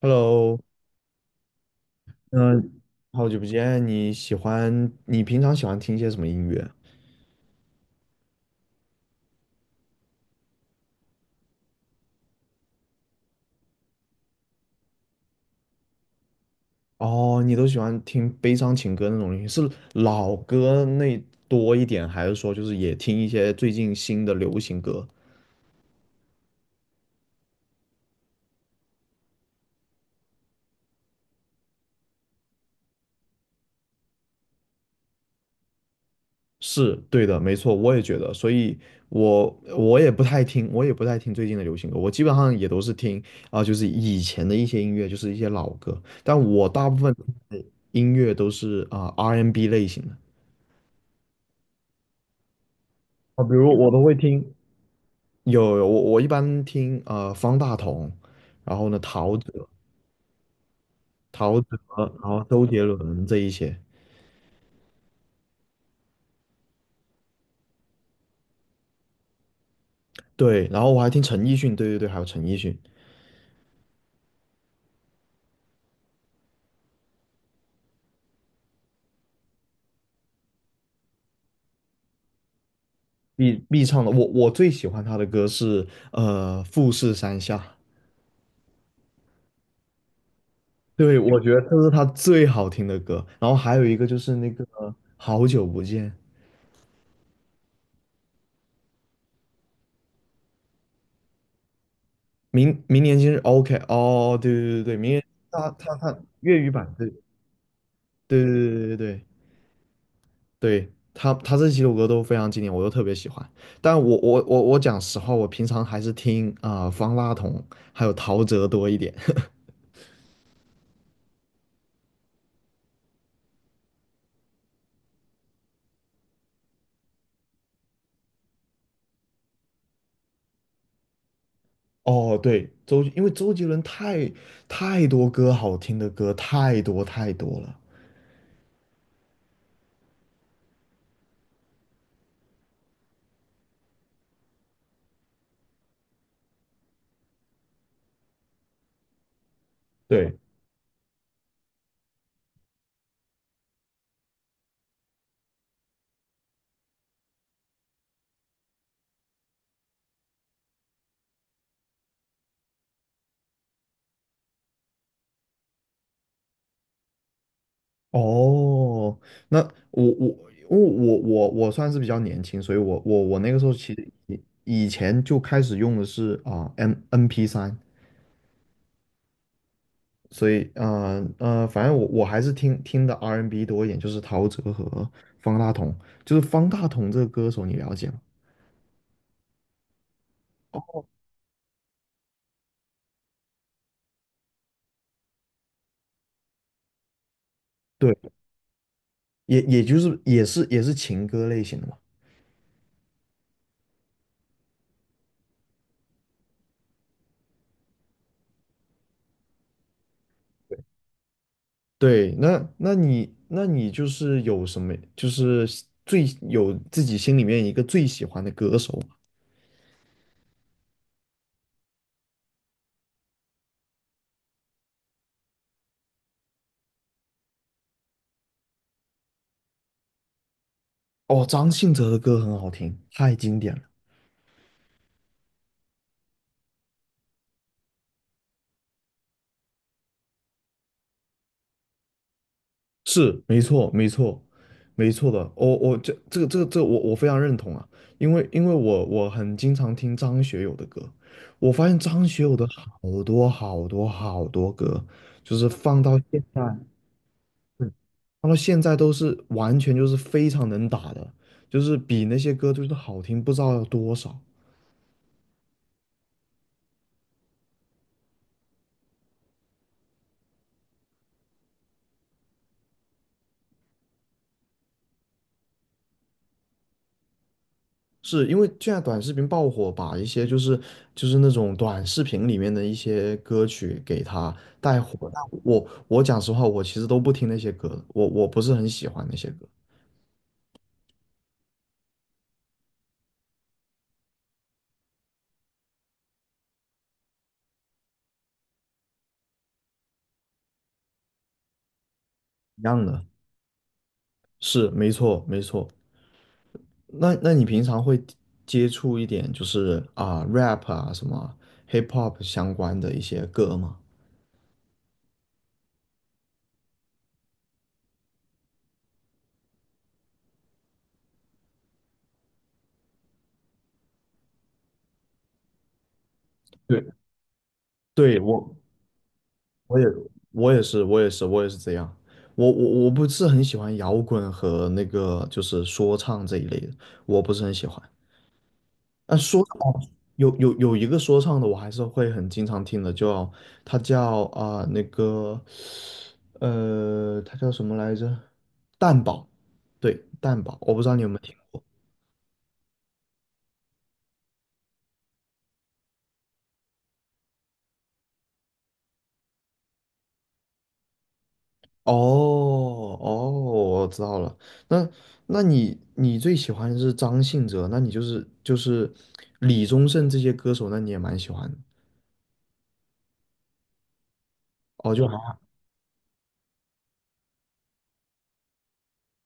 Hello，嗯，好久不见。你平常喜欢听些什么音乐？哦，你都喜欢听悲伤情歌那种音乐，是老歌那多一点，还是说就是也听一些最近新的流行歌？是对的，没错，我也觉得。所以我，我也不太听，我也不太听最近的流行歌，我基本上也都是听就是以前的一些音乐，就是一些老歌。但我大部分听的音乐都是R&B N 类型的。比如我都会听，我一般听方大同，然后呢陶喆，然后周杰伦这一些，对，然后我还听陈奕迅，对对对，还有陈奕迅必唱的，我最喜欢他的歌是《富士山下》，对，我觉得这是他最好听的歌，然后还有一个就是那个好久不见，明年今日 OK,哦，对对对对，明年他粤语版，对对对对对对，对对，他这几首歌都非常经典，我都特别喜欢。但我讲实话，我平常还是听方大同还有陶喆多一点。哦，对，因为周杰伦太多歌好听的歌太多太多了。对，哦，那我我因为我算是比较年轻，所以我那个时候其实以前就开始用的是M N P 三，所以，反正我还是听的 R&B n 多一点，就是陶喆和方大同。就是方大同这个歌手，你了解吗？对，也就是也是情歌类型的嘛。对，那你就是有什么，就是最有自己心里面一个最喜欢的歌手吗？哦，张信哲的歌很好听，太经典了。是，没错，没错，没错的。我这个我非常认同啊，因为我很经常听张学友的歌，我发现张学友的好多好多好多歌，就是嗯放到现在都是完全就是非常能打的，就是比那些歌就是好听不知道要多少。是因为现在短视频爆火，把一些就是那种短视频里面的一些歌曲给它带火。但我讲实话，我其实都不听那些歌的，我不是很喜欢那些歌。一样的，是没错没错。那你平常会接触一点就是rap 啊什么 hip hop 相关的一些歌吗？对，对，我也我也是这样，我不是很喜欢摇滚和那个就是说唱这一类的，我不是很喜欢。但说唱哦有一个说唱的，我还是会很经常听的，叫他叫它叫什么来着？蛋堡，对蛋堡，我不知道你有没有听过。哦哦，我知道了。那那你最喜欢的是张信哲，那你就是李宗盛这些歌手，那你也蛮喜欢的。哦，就还好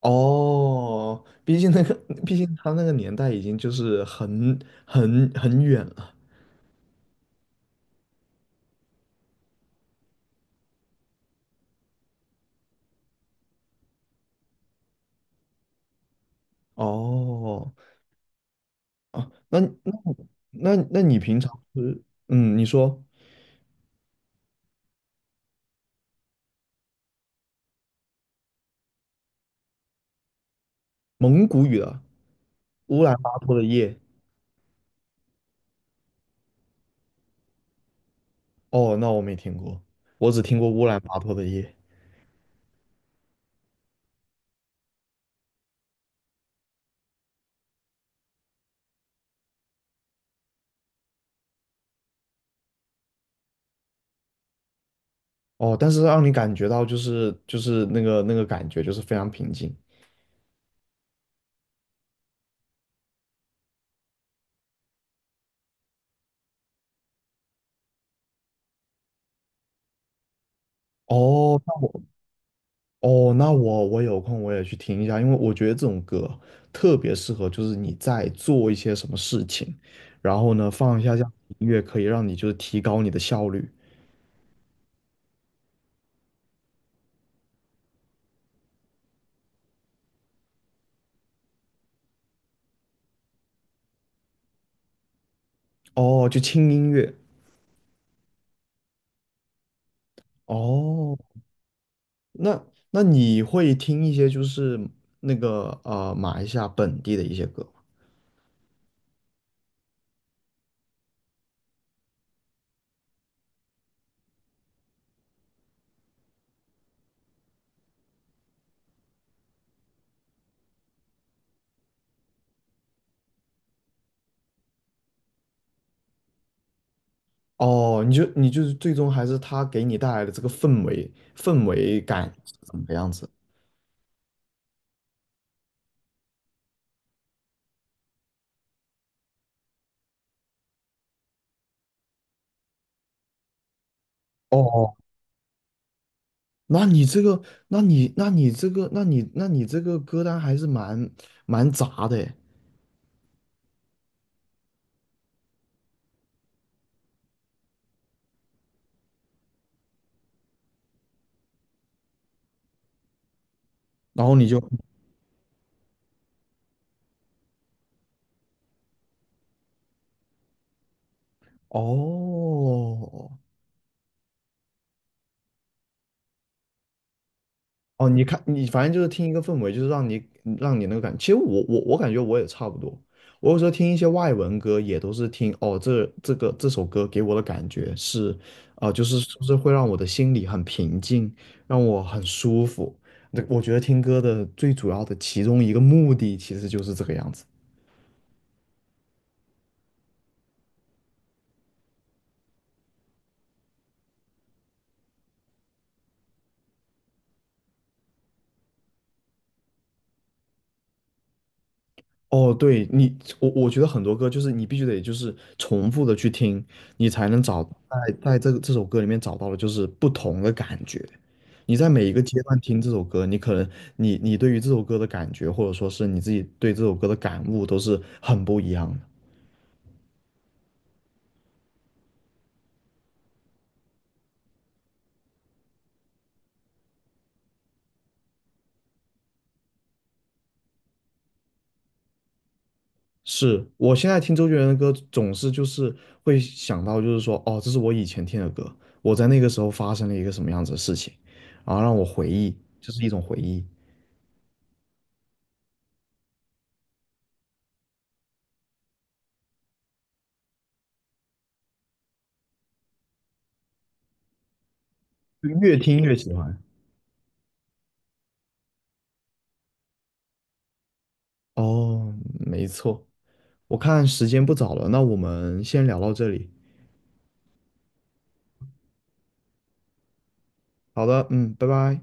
哦，毕竟他那个年代已经就是很远了。哦哦，那你平常是你说蒙古语的《乌兰巴托的夜》？哦，那我没听过，我只听过《乌兰巴托的夜》。哦，但是让你感觉到就是那个感觉就是非常平静。哦那哦,那我有空我也去听一下，因为我觉得这种歌特别适合，就是你在做一些什么事情，然后呢放一下这样的音乐，可以让你就是提高你的效率。哦，就轻音乐。哦，那那你会听一些就是马来西亚本地的一些歌吗？哦，你就是最终还是他给你带来的这个氛围感是怎么样子？哦，那你这个，那你这个歌单还是蛮杂的诶。然后你就，哦哦，你看，你反正就是听一个氛围，就是让你那个感。其实我感觉我也差不多。我有时候听一些外文歌，也都是这首歌给我的感觉是，就是会让我的心里很平静，让我很舒服。那我觉得听歌的最主要的其中一个目的，其实就是这个样子。哦，对你，我觉得很多歌就是你必须得就是重复的去听，你才能在这首歌里面找到的就是不同的感觉。你在每一个阶段听这首歌，你可能你对于这首歌的感觉，或者说是你自己对这首歌的感悟，都是很不一样的。是我现在听周杰伦的歌，总是就是会想到，就是说，哦，这是我以前听的歌，我在那个时候发生了一个什么样子的事情，然后让我回忆，就是一种回忆，就越听越喜欢。哦，没错，我看时间不早了，那我们先聊到这里。好的，嗯，拜拜。